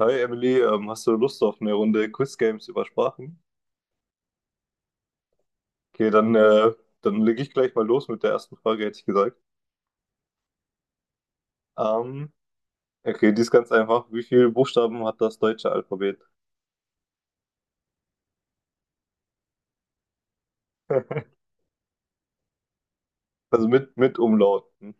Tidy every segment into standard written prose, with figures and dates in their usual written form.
Hi Emily, hast du Lust auf eine Runde Quiz Games über Sprachen? Okay, dann lege ich gleich mal los mit der ersten Frage, hätte ich gesagt. Ähm, okay, die ist ganz einfach. Wie viele Buchstaben hat das deutsche Alphabet? Also mit Umlauten.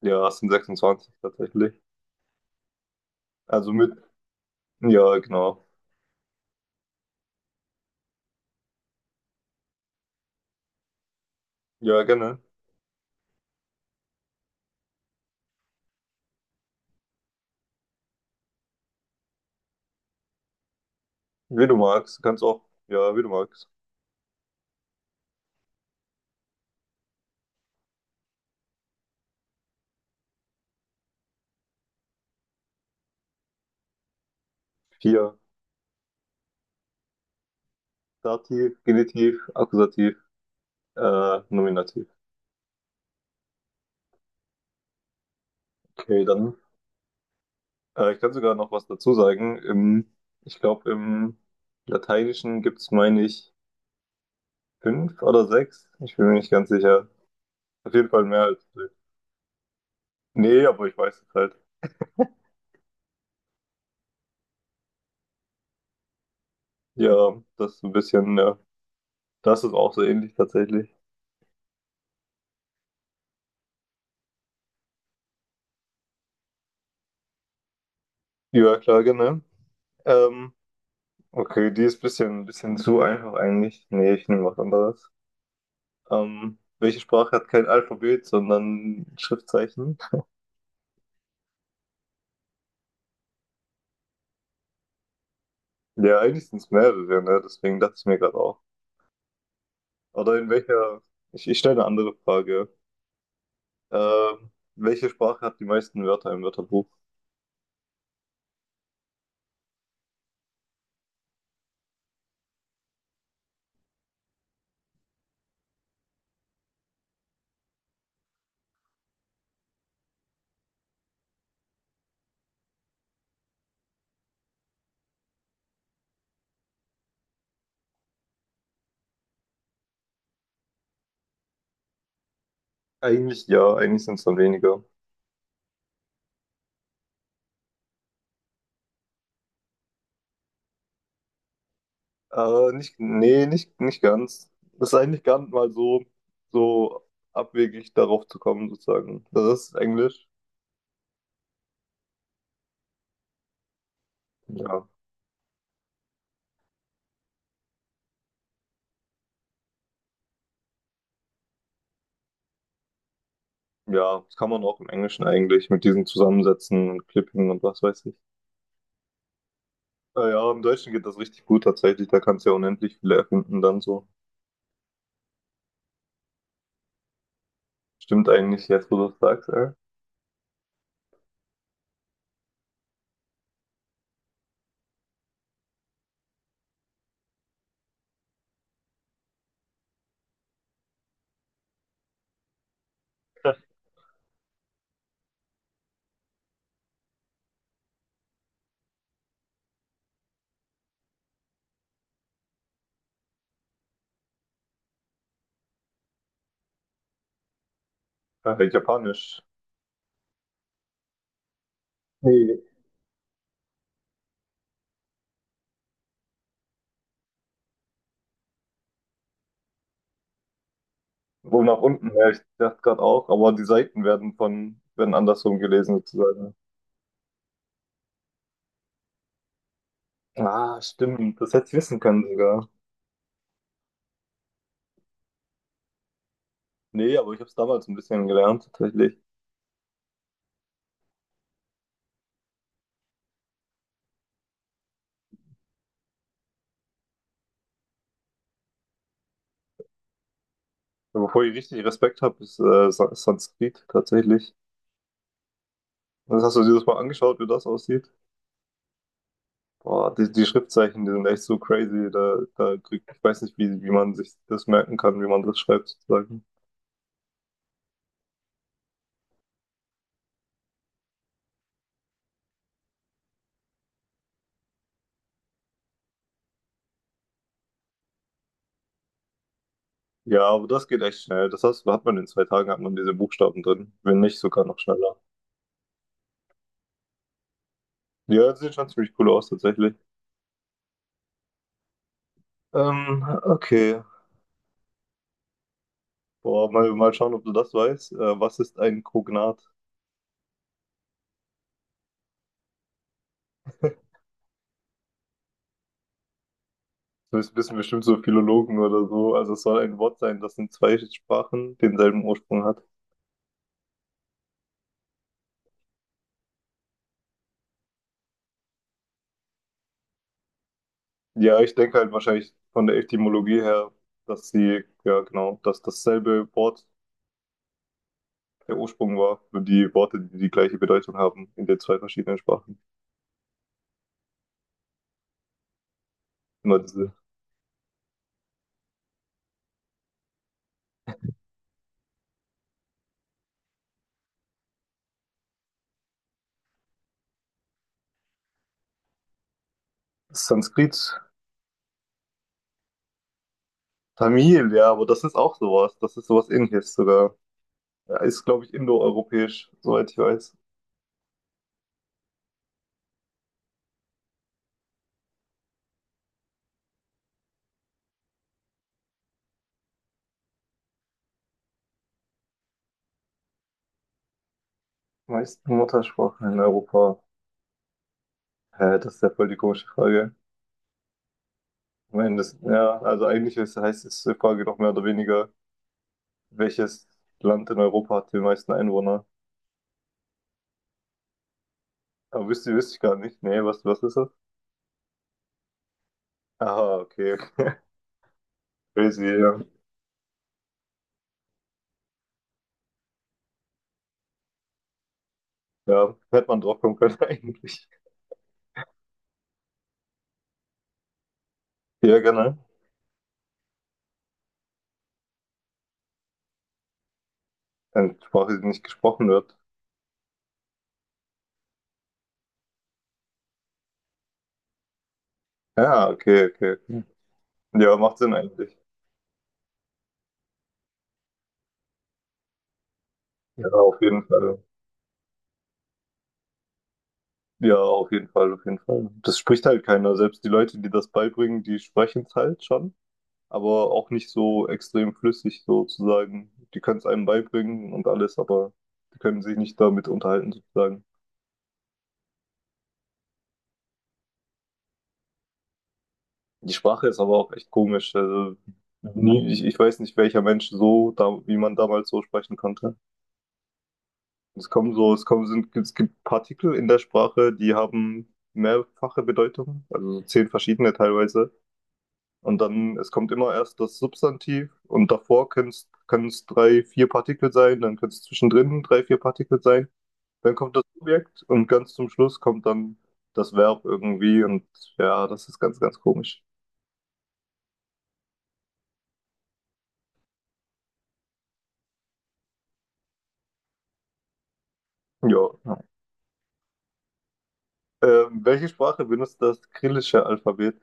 Ja, es sind 26 tatsächlich. Also mit, ja, genau. Ja, gerne. Wie du magst. Du kannst auch, ja, wie du magst. Vier. Dativ, Genitiv, Akkusativ, Nominativ. Okay, dann Ich kann sogar noch was dazu sagen. Ich glaube, im Lateinischen gibt's, meine ich, fünf oder sechs. Ich bin mir nicht ganz sicher. Auf jeden Fall mehr als fünf. Nee, aber ich weiß es halt. Ja, das ist ein bisschen, ja. Das ist auch so ähnlich tatsächlich. Ja, klar, genau. Ähm, okay, die ist ein bisschen zu einfach eigentlich. Nee, ich nehme was anderes. Welche Sprache hat kein Alphabet, sondern Schriftzeichen? Ja, eigentlich sind es mehrere, ne? Deswegen dachte ich mir gerade auch. Oder in welcher, ich stelle eine andere Frage. Welche Sprache hat die meisten Wörter im Wörterbuch? Eigentlich ja, eigentlich sind es dann weniger. Nicht, nee, nicht ganz. Das ist eigentlich gar nicht mal so abwegig darauf zu kommen, sozusagen. Das ist Englisch. Ja. Ja, das kann man auch im Englischen eigentlich mit diesen Zusammensätzen und Clipping und was weiß ich. Ja, im Deutschen geht das richtig gut tatsächlich. Da kannst du ja unendlich viele erfinden dann so. Stimmt eigentlich jetzt, wo du das sagst, ey. Japanisch. Nee. Wo nach unten her, ich dachte gerade auch, aber die Seiten werden werden andersrum gelesen sozusagen. Ah, stimmt, das hätte ich wissen können sogar. Nee, aber ich habe es damals ein bisschen gelernt, tatsächlich. Wovor ich richtig Respekt habe, ist Sanskrit, tatsächlich. Das hast du dir das mal angeschaut, wie das aussieht? Boah, die Schriftzeichen, die sind echt so crazy. Da kriegt, ich weiß nicht, wie man sich das merken kann, wie man das schreibt, sozusagen. Ja, aber das geht echt schnell. Das heißt, hat man in 2 Tagen, hat man diese Buchstaben drin. Wenn nicht, sogar noch schneller. Ja, das sieht schon ziemlich cool aus, tatsächlich. Okay. Boah, mal schauen, ob du das weißt. Was ist ein Kognat? Das wissen bestimmt so Philologen oder so. Also es soll ein Wort sein, das in zwei Sprachen denselben Ursprung hat. Ja, ich denke halt wahrscheinlich von der Etymologie her, dass sie, ja genau, dass dasselbe Wort der Ursprung war für die Worte, die die gleiche Bedeutung haben in den zwei verschiedenen Sprachen. Immer diese Sanskrit, Tamil, ja, aber das ist auch sowas. Das ist sowas Ähnliches sogar. Ja, ist, glaube ich, indoeuropäisch, soweit ich weiß. Meisten Muttersprachen in Europa? Hä, das ist ja voll die komische Frage. Ich meine, das, ja, also eigentlich ist, heißt es die Frage doch mehr oder weniger, welches Land in Europa hat die meisten Einwohner? Aber wüsste ich gar nicht. Nee, was ist das? Aha, okay. Crazy, ja. Ja, hätte man drauf kommen können eigentlich. Ja, genau. Eine Sprache, die nicht gesprochen wird. Ja, okay, okay, okay. Ja, macht Sinn eigentlich. Ja, auf jeden Fall. Ja, auf jeden Fall, auf jeden Fall. Das spricht halt keiner. Selbst die Leute, die das beibringen, die sprechen es halt schon, aber auch nicht so extrem flüssig sozusagen. Die können es einem beibringen und alles, aber die können sich nicht damit unterhalten sozusagen. Die Sprache ist aber auch echt komisch. Also nie, ich weiß nicht, welcher Mensch so, da, wie man damals so sprechen konnte. Es kommen so, es kommen, sind, Es gibt Partikel in der Sprache, die haben mehrfache Bedeutung, also so 10 verschiedene teilweise. Und dann, es kommt immer erst das Substantiv und davor können es drei, vier Partikel sein, dann können es zwischendrin drei, vier Partikel sein. Dann kommt das Subjekt und ganz zum Schluss kommt dann das Verb irgendwie und ja, das ist ganz komisch. Ja, ja. Welche Sprache benutzt das kyrillische Alphabet?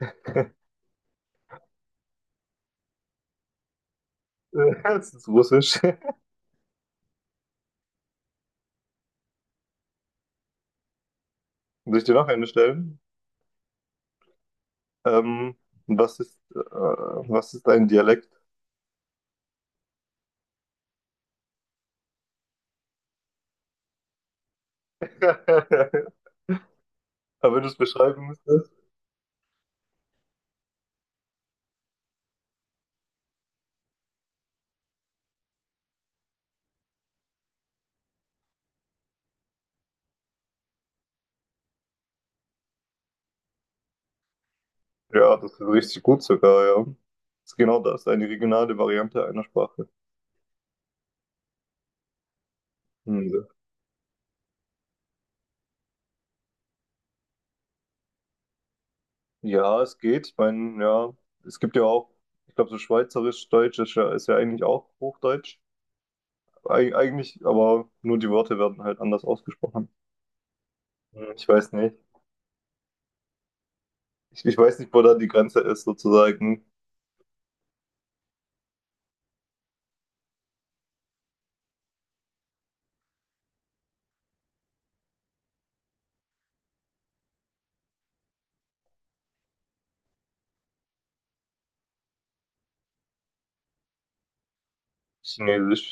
Das ist Russisch. Soll ich dir noch eine stellen? Ähm, was ist ein Dialekt? Aber wenn du es beschreiben müsstest, ja, das ist richtig gut sogar, ja. Das ist genau das, eine regionale Variante einer Sprache. Hm, ja, es geht. Ich meine, ja, es gibt ja auch, ich glaube, so Schweizerisch-Deutsch ist ja eigentlich auch Hochdeutsch. Eigentlich, aber nur die Worte werden halt anders ausgesprochen. Hm, ich weiß nicht. Ich weiß nicht, wo da die Grenze ist, sozusagen. Chinesisch.